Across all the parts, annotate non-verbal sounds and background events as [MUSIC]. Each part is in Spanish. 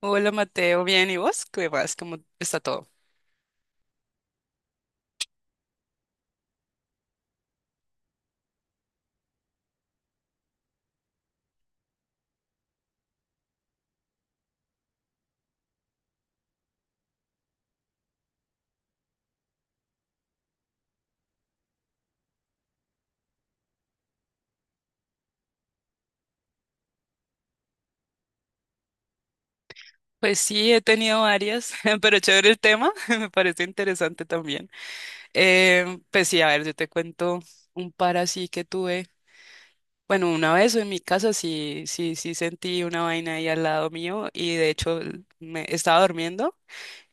Hola Mateo, bien, ¿y vos? ¿Qué vas? ¿Cómo está todo? Pues sí, he tenido varias, [LAUGHS] pero chévere el tema, [LAUGHS] me parece interesante también. Pues sí, a ver, yo te cuento un par así que tuve. Bueno, una vez en mi casa sí, sí, sí sentí una vaina ahí al lado mío y de hecho me estaba durmiendo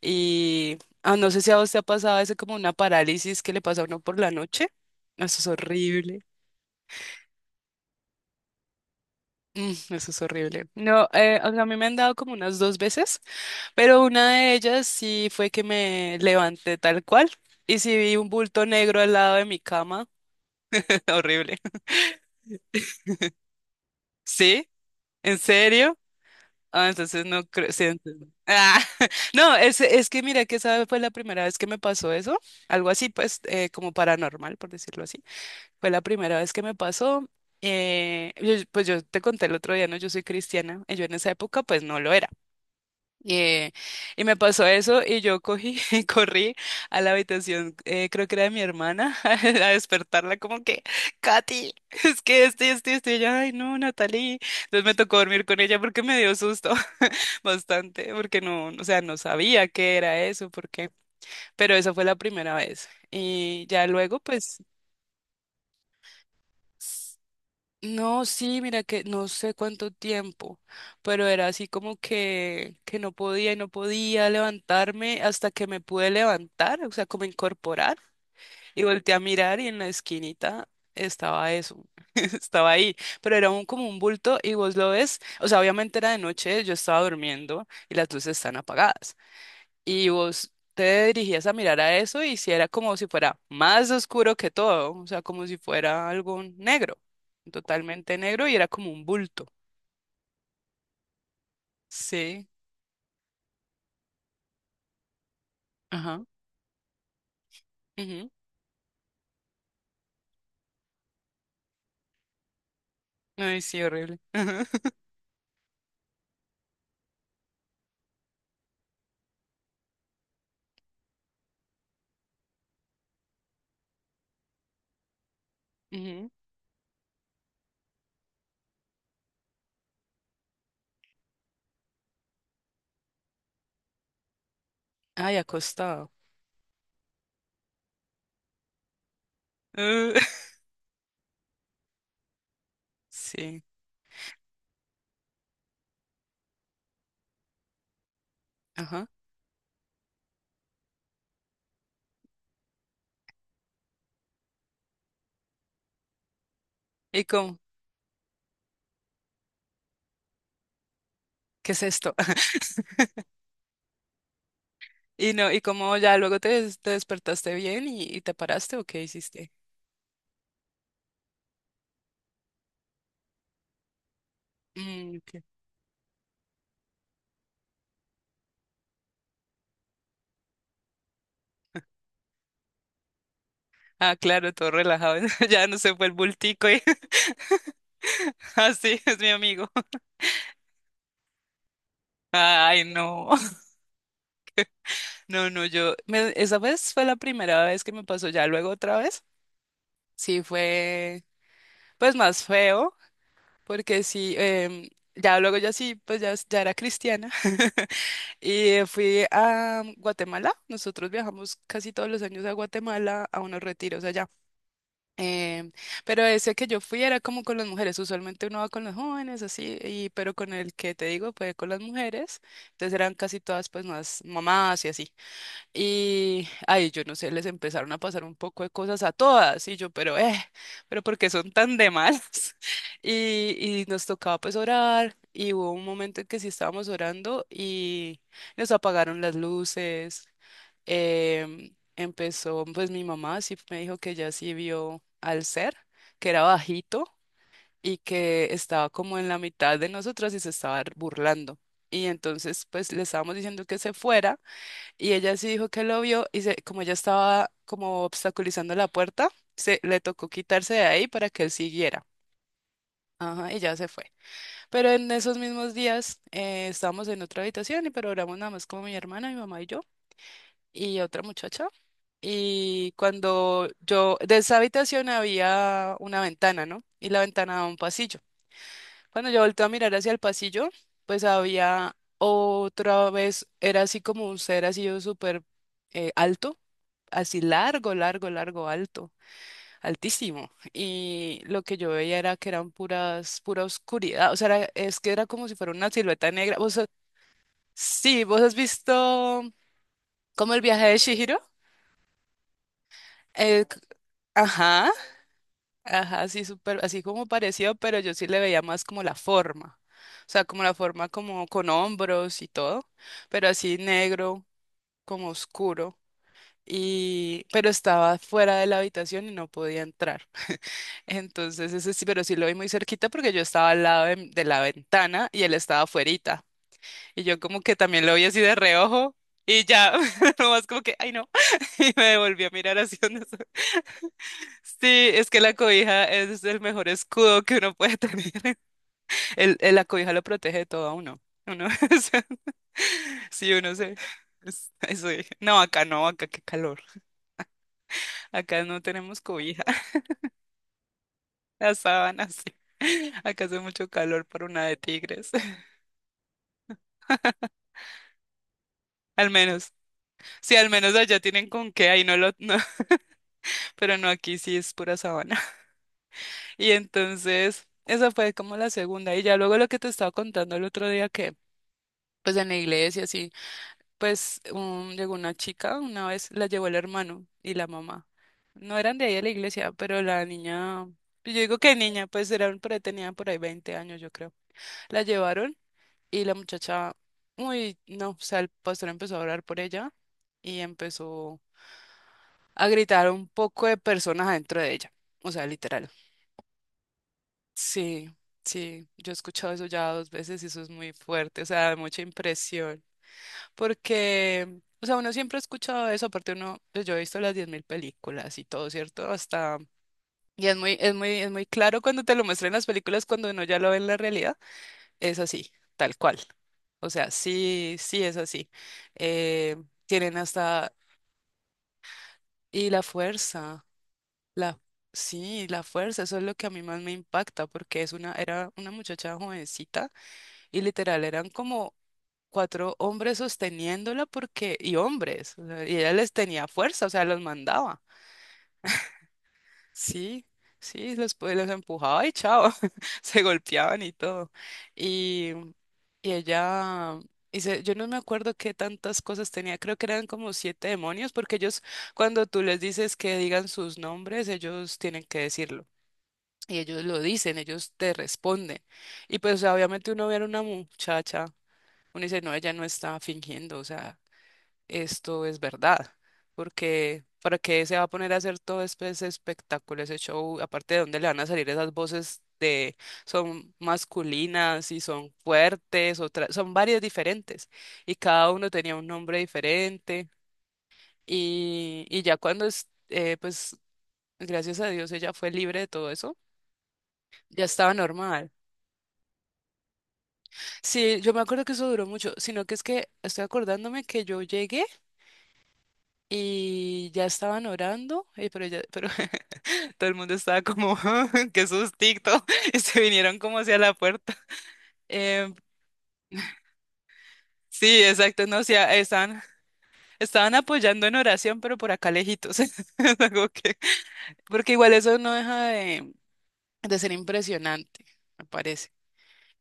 y no sé si a vos te ha pasado ese como una parálisis que le pasa a uno por la noche. Eso es horrible. Eso es horrible. No, o sea, a mí me han dado como unas dos veces. Pero una de ellas sí fue que me levanté tal cual. Y sí vi un bulto negro al lado de mi cama. [LAUGHS] Horrible. ¿Sí? ¿En serio? Ah, entonces no creo. Sí, ah, [LAUGHS] no, es que mira que esa fue la primera vez que me pasó eso. Algo así, pues, como paranormal, por decirlo así. Fue la primera vez que me pasó. Pues yo te conté el otro día, ¿no? Yo soy cristiana, y yo en esa época, pues no lo era. Y, eh, y me pasó eso y yo cogí, [LAUGHS] y corrí a la habitación, creo que era de mi hermana, [LAUGHS] a despertarla como que, Katy, [LAUGHS] es que este, y ella, ay no, Natalie. Entonces me tocó dormir con ella porque me dio susto [LAUGHS] bastante, porque no, o sea, no sabía qué era eso, porque, pero esa fue la primera vez. Y ya luego, pues... No, sí, mira que no sé cuánto tiempo, pero era así como que no podía y no podía levantarme hasta que me pude levantar, o sea, como incorporar y volteé a mirar y en la esquinita estaba eso, [LAUGHS] estaba ahí, pero era como un bulto y vos lo ves, o sea, obviamente era de noche, yo estaba durmiendo y las luces están apagadas, y vos te dirigías a mirar a eso y si era como si fuera más oscuro que todo, o sea, como si fuera algo negro, totalmente negro y era como un bulto. Sí, ajá. Ujú. Ay, sí, horrible. Ajá, ujú. Ay, acostado. Uh, [LAUGHS] sí, ajá. ¿Y cómo? ¿Qué es esto? [LAUGHS] Y no, ¿y cómo ya luego te despertaste bien y te paraste o qué hiciste? Mm, ok. Ah, claro, todo relajado. [LAUGHS] Ya no se fue el bultico y [LAUGHS] así es mi amigo. Ay, no. [LAUGHS] No, no, esa vez fue la primera vez que me pasó ya luego otra vez. Sí fue pues más feo porque sí ya luego ya sí pues ya, ya era cristiana [LAUGHS] y fui a Guatemala. Nosotros viajamos casi todos los años a Guatemala a unos retiros allá. Em, pero ese que yo fui era como con las mujeres, usualmente uno va con los jóvenes así, y, pero con el que te digo fue con las mujeres, entonces eran casi todas pues más mamás y así. Y, ay, yo no sé, les empezaron a pasar un poco de cosas a todas, y yo, pero ¿por qué son tan de malas? [LAUGHS] Y nos tocaba pues orar, y hubo un momento en que sí estábamos orando y nos apagaron las luces. Empezó, pues mi mamá sí me dijo que ya sí vio al ser, que era bajito y que estaba como en la mitad de nosotras y se estaba burlando. Y entonces, pues le estábamos diciendo que se fuera. Y ella sí dijo que lo vio como ella estaba como obstaculizando la puerta, se le tocó quitarse de ahí para que él siguiera. Ajá, y ya se fue. Pero en esos mismos días estábamos en otra habitación y pero programamos nada más como mi hermana, mi mamá y yo y otra muchacha. Y de esa habitación había una ventana, ¿no? Y la ventana daba a un pasillo. Cuando yo volteé a mirar hacia el pasillo, pues había otra vez, era así como un ser así súper alto así largo, largo, largo, alto, altísimo. Y lo que yo veía era que eran pura oscuridad. O sea, es que era como si fuera una silueta negra. ¿Vos, sí, vos has visto como el viaje de Shihiro? Eh, c- ajá, ajá, así súper, así como parecido, pero yo sí le veía más como la forma. O sea, como la forma como con hombros y todo, pero así negro, como oscuro. Y, pero estaba fuera de la habitación y no podía entrar. Entonces, ese sí, pero sí lo vi muy cerquita porque yo estaba al lado de la ventana y él estaba afuerita. Y yo como que también lo vi así de reojo y ya, [LAUGHS] nomás como que, ay no, [LAUGHS] y me volví a mirar así donde se- Sí, es que la cobija es el mejor escudo que uno puede tener. [LAUGHS] La cobija lo protege de todo a uno. Uno, [LAUGHS] o sea, sí, Eso dije. No, acá no, acá qué calor. Acá no tenemos cobija, [LAUGHS] las sábanas, sí. Acá hace mucho calor para una de tigres. Al menos, sí, al menos allá tienen con qué, ahí no lo, no, [LAUGHS] pero no aquí sí es pura sabana. [LAUGHS] Y entonces, esa fue como la segunda. Y ya luego lo que te estaba contando el otro día que, pues en la iglesia, así pues llegó una chica, una vez la llevó el hermano y la mamá. No eran de ahí a la iglesia, pero la niña, yo digo que niña, pues era, por ahí tenía por ahí 20 años, yo creo. La llevaron y la muchacha, uy, no, o sea, el pastor empezó a orar por ella y empezó a gritar un poco de personas adentro de ella. O sea, literal. Sí, sí, yo he escuchado eso ya 2 veces y eso es muy fuerte, o sea, da mucha impresión. Porque, o sea, uno siempre ha escuchado eso, aparte uno, pues yo he visto las 10.000 películas y todo, ¿cierto? Hasta... Y es muy, es muy, es muy claro cuando te lo muestran en las películas, cuando uno ya lo ve en la realidad, es así, tal cual. O sea, sí, sí es así. Eh, Tienen hasta... Y la fuerza. La, sí, la fuerza, eso es lo que a mí más me impacta, porque era una muchacha jovencita y literal eran como cuatro hombres sosteniéndola porque, y hombres, o sea, y ella les tenía fuerza, o sea, los mandaba. Sí, sí, los empujaba y chao, [LAUGHS] se golpeaban y todo. Y, y ella, yo no me acuerdo qué tantas cosas tenía, creo que eran como siete demonios, porque ellos, cuando tú les dices que digan sus nombres, ellos tienen que decirlo. Y ellos lo dicen, ellos te responden. Y pues, o sea, obviamente uno ve a una muchacha, uno dice, no, ella no está fingiendo, o sea, esto es verdad. Porque, ¿para qué se va a poner a hacer todo ese espectáculo, ese show? Aparte de dónde le van a salir esas voces de, son masculinas y son fuertes, otras, son varias diferentes. Y cada uno tenía un nombre diferente. Y ya gracias a Dios, ella fue libre de todo eso, ya estaba normal. Sí, yo me acuerdo que eso duró mucho, sino que es que estoy acordándome que yo llegué y ya estaban orando, pero, ya, pero [LAUGHS] todo el mundo estaba como, [LAUGHS] "Ah, qué sustito, [LAUGHS] y se vinieron como hacia la puerta. Em, sí, exacto, no, o sea, estaban, apoyando en oración, pero por acá lejitos, [LAUGHS] es algo que, porque igual eso no deja de ser impresionante, me parece.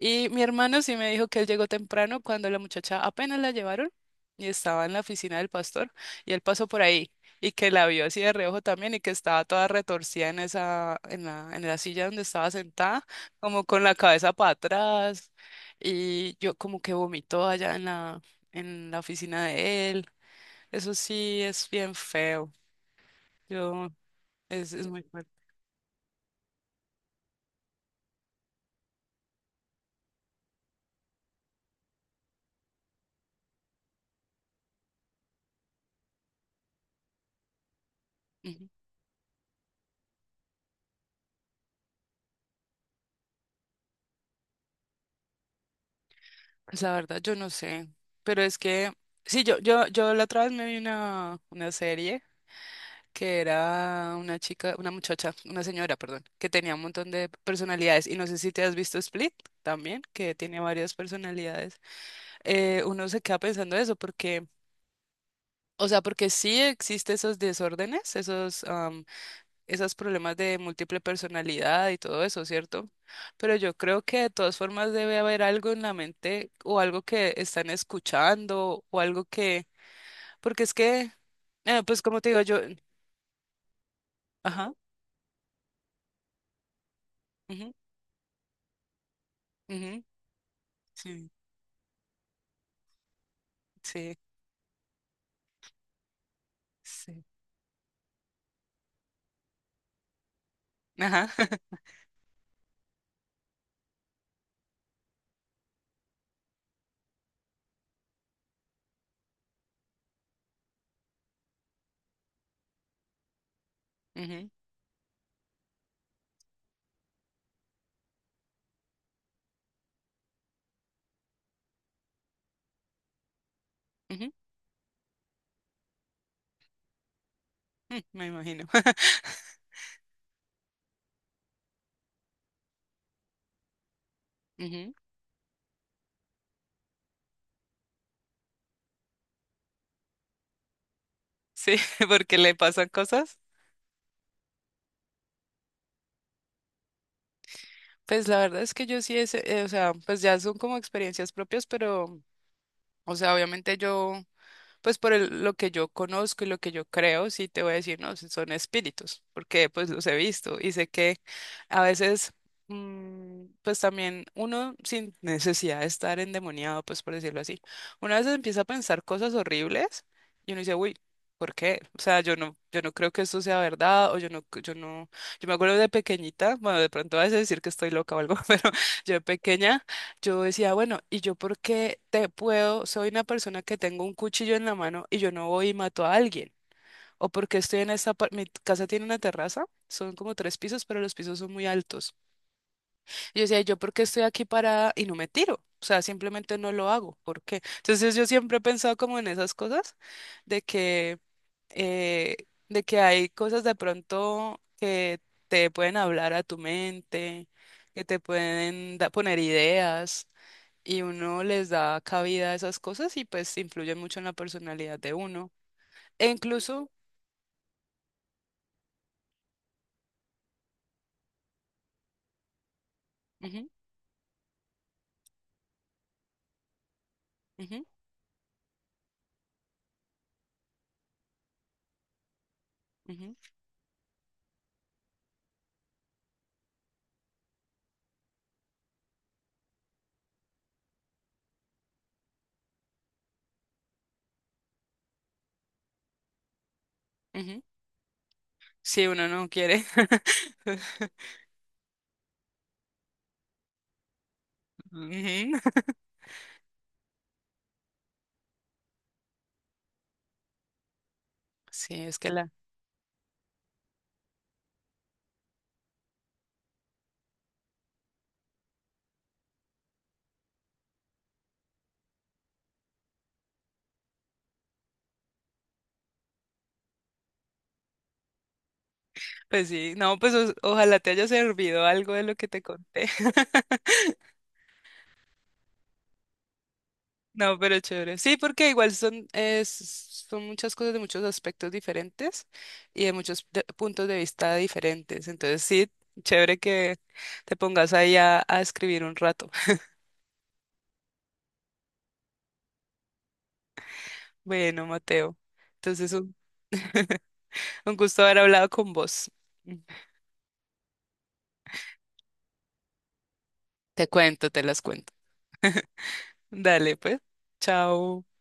Y mi hermano sí me dijo que él llegó temprano cuando la muchacha apenas la llevaron y estaba en la oficina del pastor y él pasó por ahí y que la vio así de reojo también y que estaba toda retorcida en la silla donde estaba sentada, como con la cabeza para atrás y yo como que vomitó allá en la oficina de él. Eso sí es bien feo. Yo, es muy fuerte. Pues la verdad, yo no sé, pero es que, sí, yo la otra vez me vi una serie que era una chica, una muchacha, una señora, perdón, que tenía un montón de personalidades y no sé si te has visto Split también, que tiene varias personalidades. Uno se queda pensando eso porque, o sea, porque sí existe esos desórdenes, esos problemas de múltiple personalidad y todo eso, ¿cierto? Pero yo creo que de todas formas debe haber algo en la mente o algo que están escuchando o algo que, porque es que, pues como te digo yo, ajá, ujú, ujú, sí, sí, sí, ajá, [LAUGHS] ujú, ujú, mm, me imagino, ujú, sí, [LAUGHS] porque le pasan cosas. Pues la verdad es que yo sí, o sea, pues ya son como experiencias propias, pero, o sea, obviamente yo... pues lo que yo conozco y lo que yo creo, sí te voy a decir, no, sí son espíritus, porque pues los he visto y sé que a veces, pues también uno sin necesidad de estar endemoniado, pues por decirlo así, una vez empieza a pensar cosas horribles y uno dice, uy. ¿Por qué? O sea, yo no, yo no creo que esto sea verdad, o yo no, yo no, yo me acuerdo de pequeñita, bueno, de pronto vas a decir que estoy loca o algo, [LAUGHS] pero yo de pequeña yo decía, bueno, ¿y yo por qué te puedo? Soy una persona que tengo un cuchillo en la mano y yo no voy y mato a alguien. O porque estoy mi casa tiene una terraza, son como tres pisos, pero los pisos son muy altos. Y yo decía, ¿yo por qué estoy aquí parada y no me tiro? O sea, simplemente no lo hago. ¿Por qué? Entonces yo siempre he pensado como en esas cosas, de que, eh, de que hay cosas de pronto que te pueden hablar a tu mente, que te pueden poner ideas y uno les da cabida a esas cosas y pues influyen mucho en la personalidad de uno. E incluso, ujú, ujú, ujú, ujú, si uno no quiere. [LAUGHS] Ujú. Sí, es que la... Pues sí, no, pues ojalá te haya servido algo de lo que te conté. [LAUGHS] No, pero chévere. Sí, porque igual son, son muchas cosas de muchos aspectos diferentes y de muchos puntos de vista diferentes. Entonces, sí, chévere que te pongas ahí a escribir un rato. Bueno, Mateo. Entonces, un, [LAUGHS] un gusto haber hablado con vos. Te cuento, te las cuento. Dale, pues. Chao.